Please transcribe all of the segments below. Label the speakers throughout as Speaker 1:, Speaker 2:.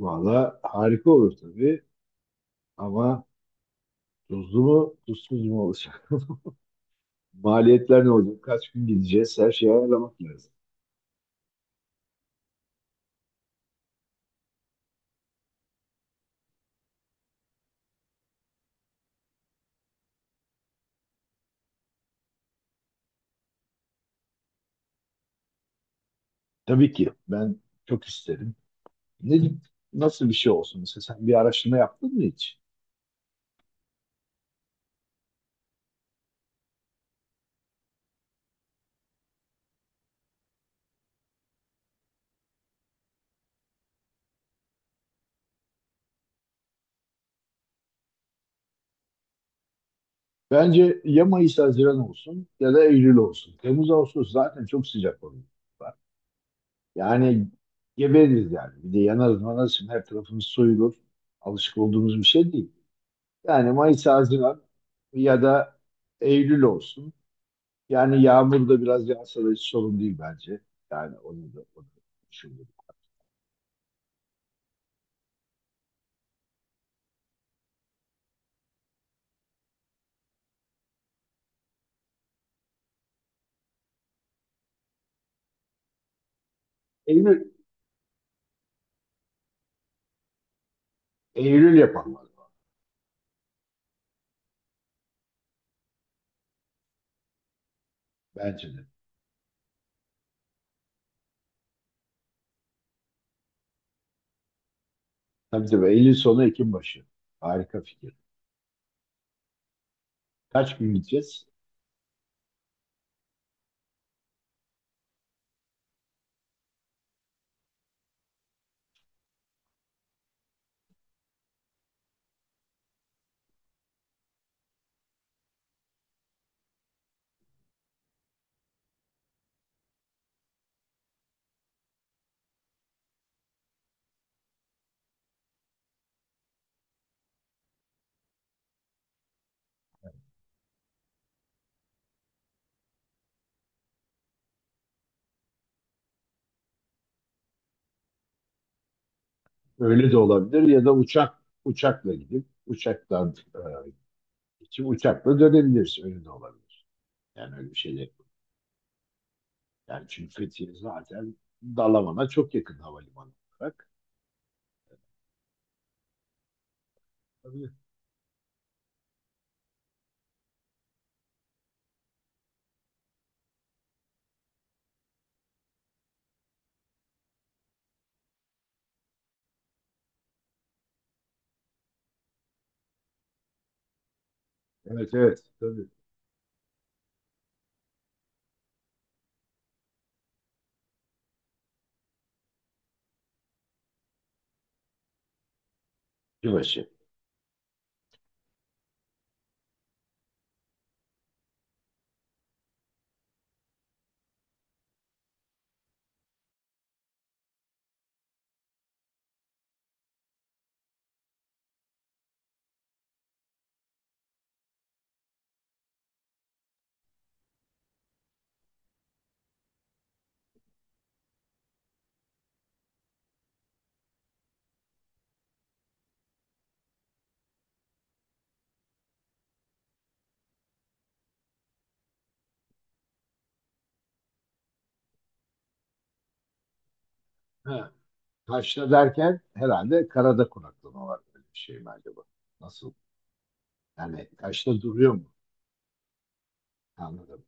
Speaker 1: Valla harika olur tabii ama tuzlu mu tuzsuz mu olacak? Maliyetler ne olacak? Kaç gün gideceğiz? Her şeyi ayarlamak lazım. Tabii ki ben çok isterim. Ne, Nasıl bir şey olsun? Mesela sen bir araştırma yaptın mı hiç? Bence ya Mayıs Haziran olsun ya da Eylül olsun. Temmuz Ağustos zaten çok sıcak oluyor. Yani gebeririz yani. Bir de yanarız manarız. Şimdi her tarafımız soyulur. Alışık olduğumuz bir şey değil. Yani Mayıs Haziran ya da Eylül olsun. Yani yağmur da biraz yağsa da hiç sorun değil bence. Yani onu da düşündüm. Eylül, Eylül yapalım o zaman. Bence de. Tabii tabii, Eylül sonu Ekim başı. Harika fikir. Kaç gün gideceğiz? Öyle de olabilir, ya da uçakla gidip uçaktan geçip uçakla dönebiliriz. Öyle de olabilir. Yani öyle bir şey de. Yani çünkü Fethiye zaten Dalaman'a çok yakın havalimanı olarak. Tabii. Evet evet tabii. Yılbaşı. Ha. Taşra derken herhalde karada konaklama var, böyle bir şey mi acaba? Nasıl? Yani taşta duruyor mu? Anladım.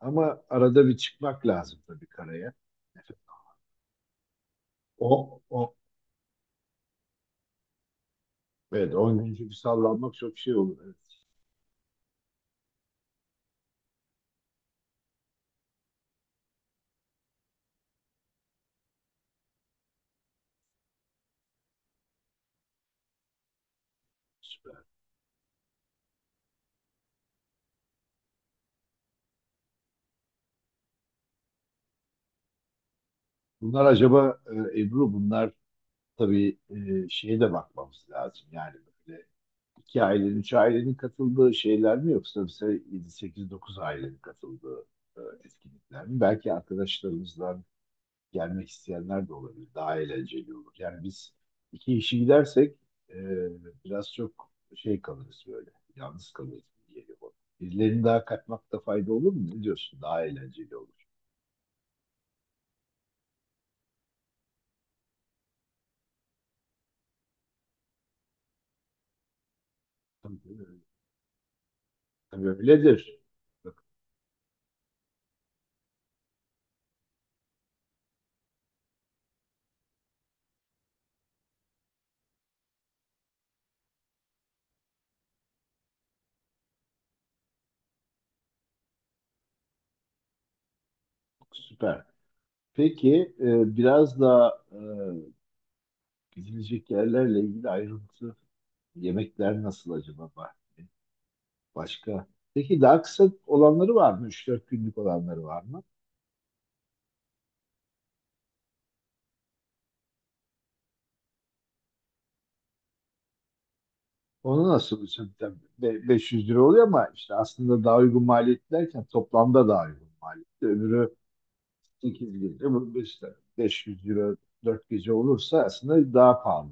Speaker 1: Ama arada bir çıkmak lazım tabii karaya. O, o, evet, 10 gün, çünkü sallanmak çok şey olur. Evet, süper. Bunlar acaba, Ebru, bunlar tabii, şeye de bakmamız lazım. Yani böyle iki ailenin, üç ailenin katıldığı şeyler mi, yoksa mesela 7, 8, 9 ailenin katıldığı etkinlikler mi? Belki arkadaşlarımızla gelmek isteyenler de olabilir. Daha eğlenceli olur. Yani biz iki kişi gidersek e, biraz çok şey kalırız böyle. Yalnız kalırız gibi geliyor bana. Birilerini daha katmakta fayda olur mu? Ne diyorsun? Daha eğlenceli olur. Tabii, tabii, tabii öyledir. Bak, süper. Peki, biraz daha gidilecek yerlerle ilgili ayrıntı, yemekler nasıl acaba? Başka? Peki daha kısa olanları var mı? Üç dört günlük olanları var mı? Onu nasıl hocam? Tabii be- 500 lira oluyor ama işte aslında daha uygun maliyet derken toplamda daha uygun maliyet. Öbürü 8 gece, bu işte 500 euro, 4 gece olursa aslında daha pahalı.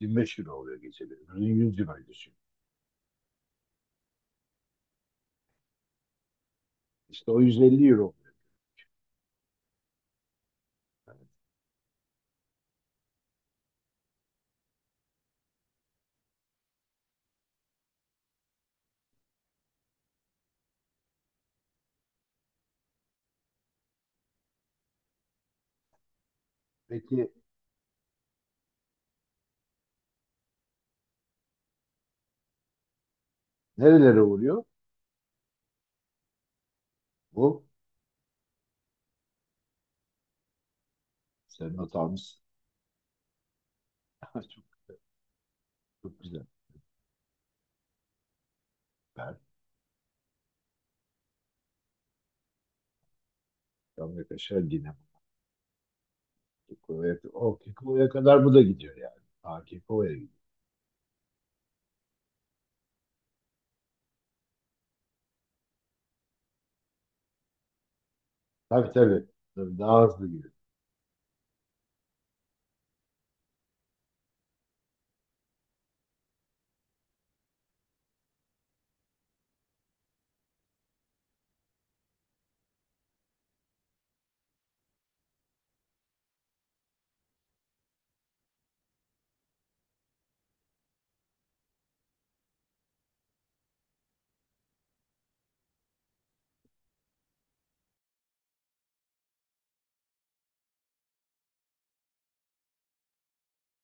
Speaker 1: 25 euro oluyor geceleri. Öbürünün 100 euro düşün. İşte o 150 euro oluyor. Yani. Peki nerelere uğruyor? Bu senin hatamız. Çok, çok güzel. Ben Amerika aşağı Dinamo. Kekko'ya- o Kekko'ya kadar bu da gidiyor yani. Daha Kekko'ya gidiyor. Tabii tabii. Tabii daha hızlı gidiyor.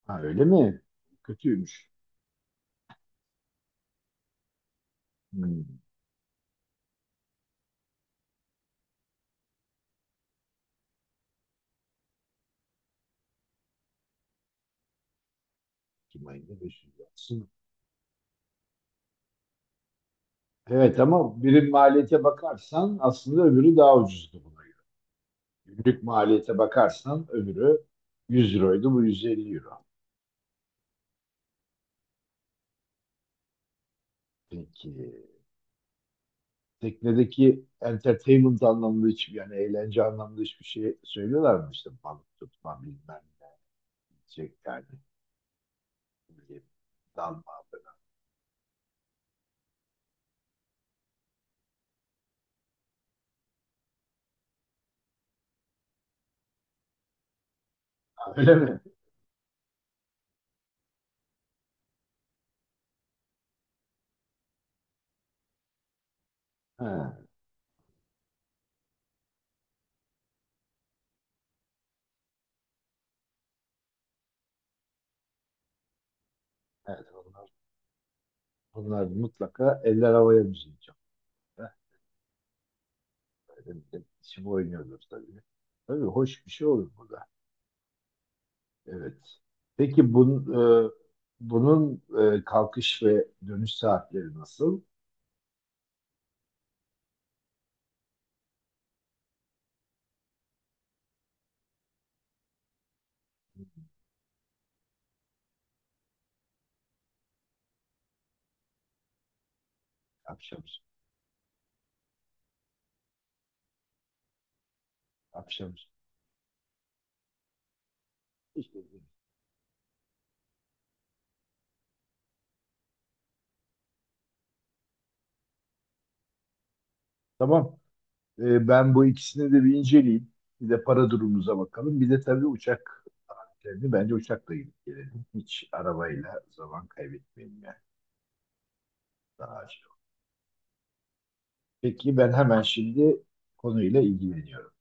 Speaker 1: Ha, öyle mi? Kötüymüş. Hmm. Ekim ayında 500 lira. Aslında evet, ama birim maliyete bakarsan aslında öbürü daha ucuzdu buna göre. Günlük maliyete bakarsan öbürü 100 euroydu, bu 150 euro. Peki teknedeki entertainment anlamında hiçbir, yani eğlence anlamında hiçbir şey söylüyorlar mı? İşte balık tutma bilmem ne şey yani, ne bileyim, dalma falan. Öyle mi? Ha, evet, bunlar onlar mutlaka eller havaya müziği çalıyor. Şimdi oynuyoruz tabii. Tabii hoş bir şey olur bu da. Evet. Peki bunun, bunun kalkış ve dönüş saatleri nasıl? Akşam, akşam. İşte. Tamam. E, ben bu ikisini de bir inceleyeyim. Bir de para durumumuza bakalım. Bir de tabii uçak. Yani bence uçakla gidip gelelim. Hiç arabayla zaman kaybetmeyelim yani. Daha acil. Peki ben hemen şimdi konuyla ilgileniyorum.